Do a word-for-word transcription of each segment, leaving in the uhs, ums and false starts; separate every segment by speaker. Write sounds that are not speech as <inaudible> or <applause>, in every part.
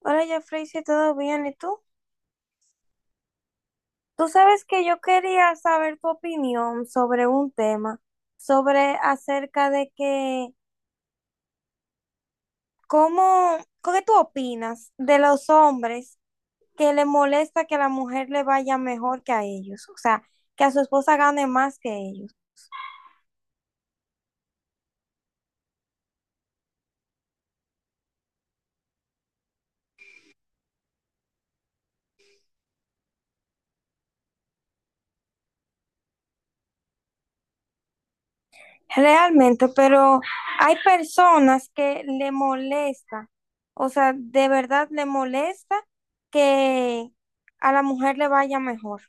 Speaker 1: Hola, Jeffrey, si todo bien, ¿y tú? Tú sabes que yo quería saber tu opinión sobre un tema, sobre acerca de que, ¿cómo, ¿qué tú opinas de los hombres que le molesta que a la mujer le vaya mejor que a ellos? O sea, que a su esposa gane más que ellos. Realmente, pero hay personas que le molesta, o sea, de verdad le molesta que a la mujer le vaya mejor.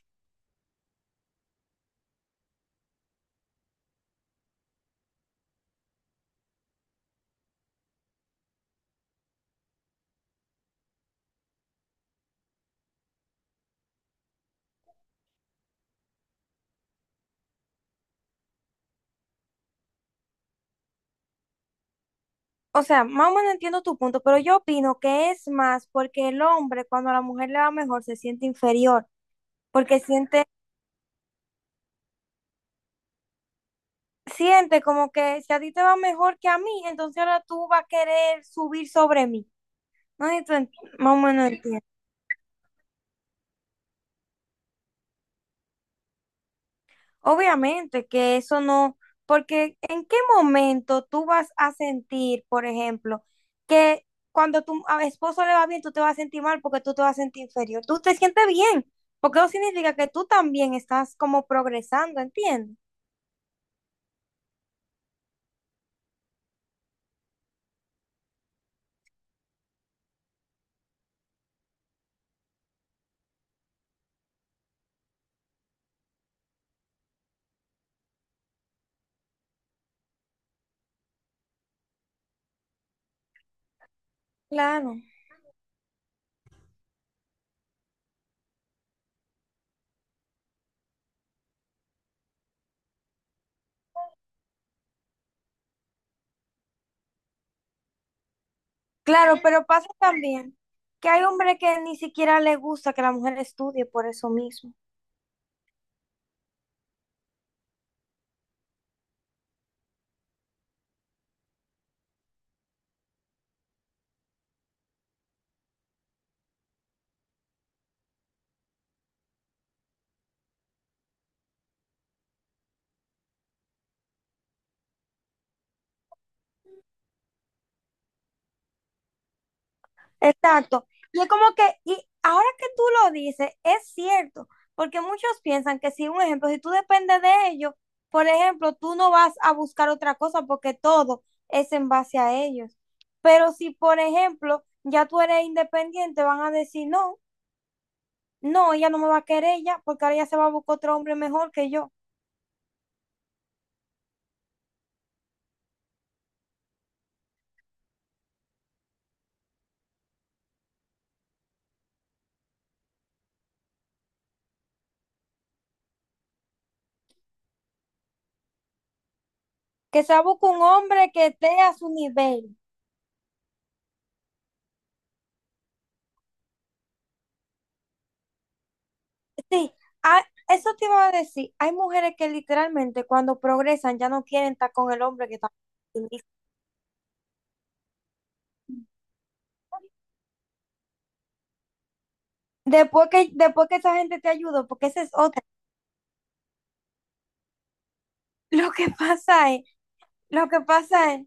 Speaker 1: O sea, más o menos entiendo tu punto, pero yo opino que es más porque el hombre, cuando a la mujer le va mejor, se siente inferior, porque siente, siente como que si a ti te va mejor que a mí, entonces ahora tú vas a querer subir sobre mí. No sé si tú ent- Más o menos entiendes. Obviamente que eso no, porque ¿en qué momento tú vas a sentir, por ejemplo, que cuando tu a- esposo le va bien, tú te vas a sentir mal porque tú te vas a sentir inferior? Tú te sientes bien, porque eso significa que tú también estás como progresando, ¿entiendes? Claro. Claro, pero pasa también que hay hombres que ni siquiera les gusta que la mujer estudie por eso mismo. Exacto. Y es como que, y ahora que tú lo dices, es cierto, porque muchos piensan que si un ejemplo, si tú dependes de ellos, por ejemplo, tú no vas a buscar otra cosa porque todo es en base a ellos. Pero si, por ejemplo, ya tú eres independiente, van a decir, no, no, ella no me va a querer ya, porque ahora ella se va a buscar otro hombre mejor que yo. Que se busque un hombre que esté a su nivel. Sí, ah, eso te iba a decir. Hay mujeres que literalmente cuando progresan ya no quieren estar con el hombre que está. Después que, después que esa gente te ayuda, porque esa es otra. <laughs> Lo que pasa es, lo que pasa es,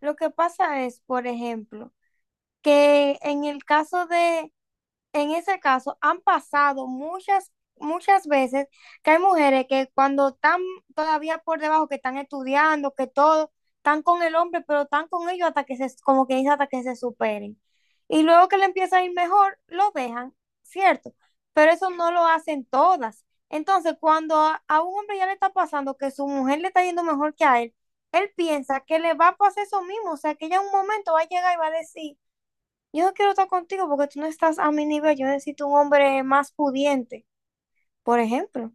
Speaker 1: lo que pasa es, por ejemplo, que en el caso de en ese caso han pasado muchas, muchas veces que hay mujeres que cuando están todavía por debajo, que están estudiando, que todo, están con el hombre, pero están con ellos hasta que se, como que dice, hasta que se superen. Y luego que le empieza a ir mejor, lo dejan, ¿cierto? Pero eso no lo hacen todas. Entonces, cuando a, a un hombre ya le está pasando que su mujer le está yendo mejor que a él, él piensa que le va a pasar eso mismo, o sea, que ella en un momento va a llegar y va a decir, yo no quiero estar contigo porque tú no estás a mi nivel. Yo necesito un hombre más pudiente, por ejemplo.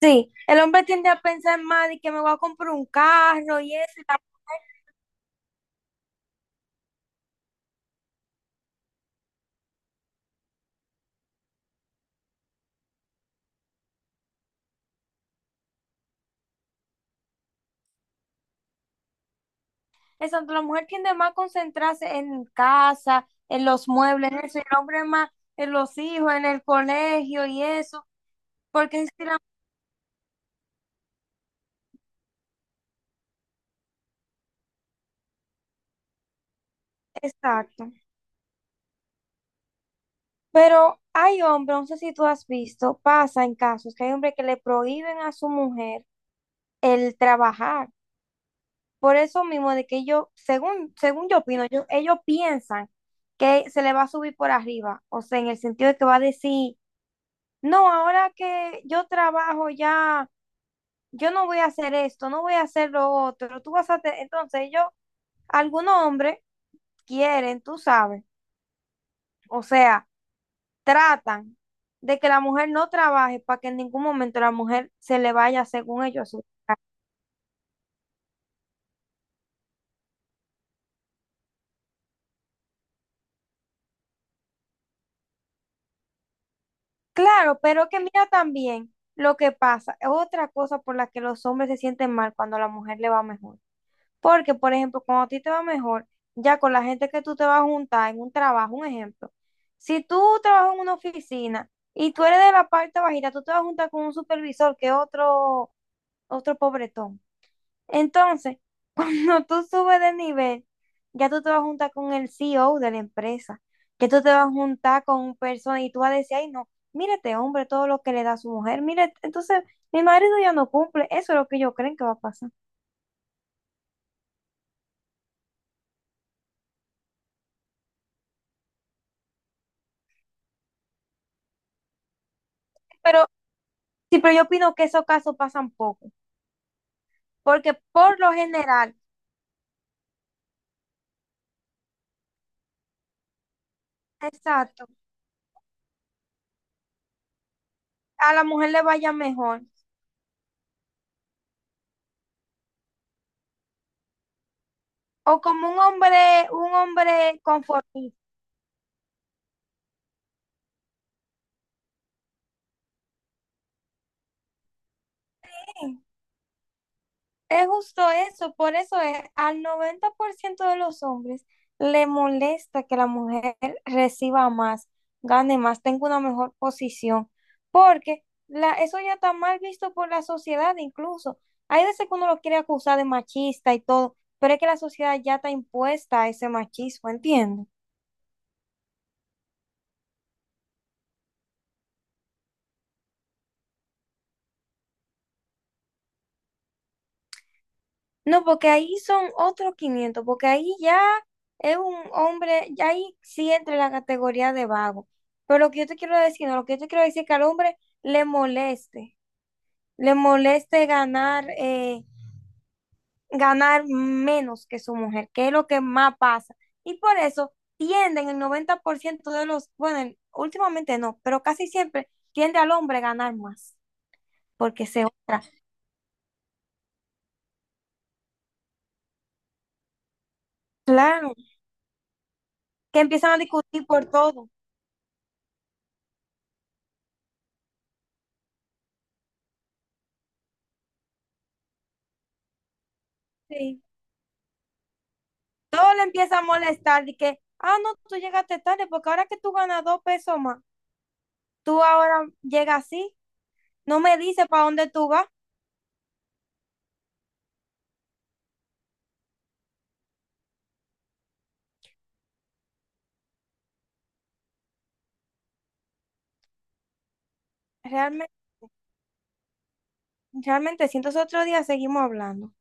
Speaker 1: Sí, el hombre tiende a pensar más de que me voy a comprar un carro y eso, y tal. Eso, la mujer tiende más a concentrarse en casa, en los muebles, en eso, y el hombre más en los hijos, en el colegio y eso. Porque es que- exacto. Pero hay hombres, no sé si tú has visto, pasa en casos que hay hombres que le prohíben a su mujer el trabajar. Por eso mismo de que ellos, según, según yo opino, yo- ellos piensan que se le va a subir por arriba. O sea, en el sentido de que va a decir, no, ahora que yo trabajo ya, yo no voy a hacer esto, no voy a hacer lo otro. Tú vas a... te-". Entonces ellos, algunos hombres quieren, tú sabes. O sea, tratan de que la mujer no trabaje para que en ningún momento la mujer se le vaya, según ellos. Su- Claro, pero que mira también lo que pasa. Es otra cosa por la que los hombres se sienten mal cuando a la mujer le va mejor. Porque, por ejemplo, cuando a ti te va mejor, ya con la gente que tú te vas a juntar en un trabajo, un ejemplo, si tú trabajas en una oficina y tú eres de la parte bajita, tú te vas a juntar con un supervisor que es otro, otro pobretón. Entonces, <laughs> cuando tú subes de nivel, ya tú te vas a juntar con el C E O de la empresa, que tú te vas a juntar con un persona y tú vas a decir, ay, no, mírate, hombre, todo lo que le da a su mujer, mírate. Entonces, mi marido ya no cumple, eso es lo que ellos creen que va a pasar. Pero sí, pero yo opino que esos casos pasan poco, porque por lo general, exacto, a la mujer le vaya mejor. O como un hombre, un hombre conformista. Es justo eso, por eso es, al noventa por ciento de los hombres le molesta que la mujer reciba más, gane más, tenga una mejor posición, porque la, eso ya está mal visto por la sociedad incluso. Hay veces que uno lo quiere acusar de machista y todo, pero es que la sociedad ya está impuesta a ese machismo, ¿entiendes? No, porque ahí son otros quinientos porque ahí ya es un hombre, ya ahí sí entra en la categoría de vago. Pero lo que yo te quiero decir, no, lo que yo te quiero decir es que al hombre le moleste, le moleste ganar, eh, ganar menos que su mujer, que es lo que más pasa. Y por eso tienden el noventa por ciento de los, bueno, el- últimamente no, pero casi siempre tiende al hombre a ganar más, porque se otra. Claro, que empiezan a discutir por todo. Sí. Todo le empieza a molestar de que, ah, no, tú llegaste tarde porque ahora que tú ganas dos pesos más, tú ahora llegas así, no me dices para dónde tú vas. Realmente, realmente, si entonces otro día seguimos hablando.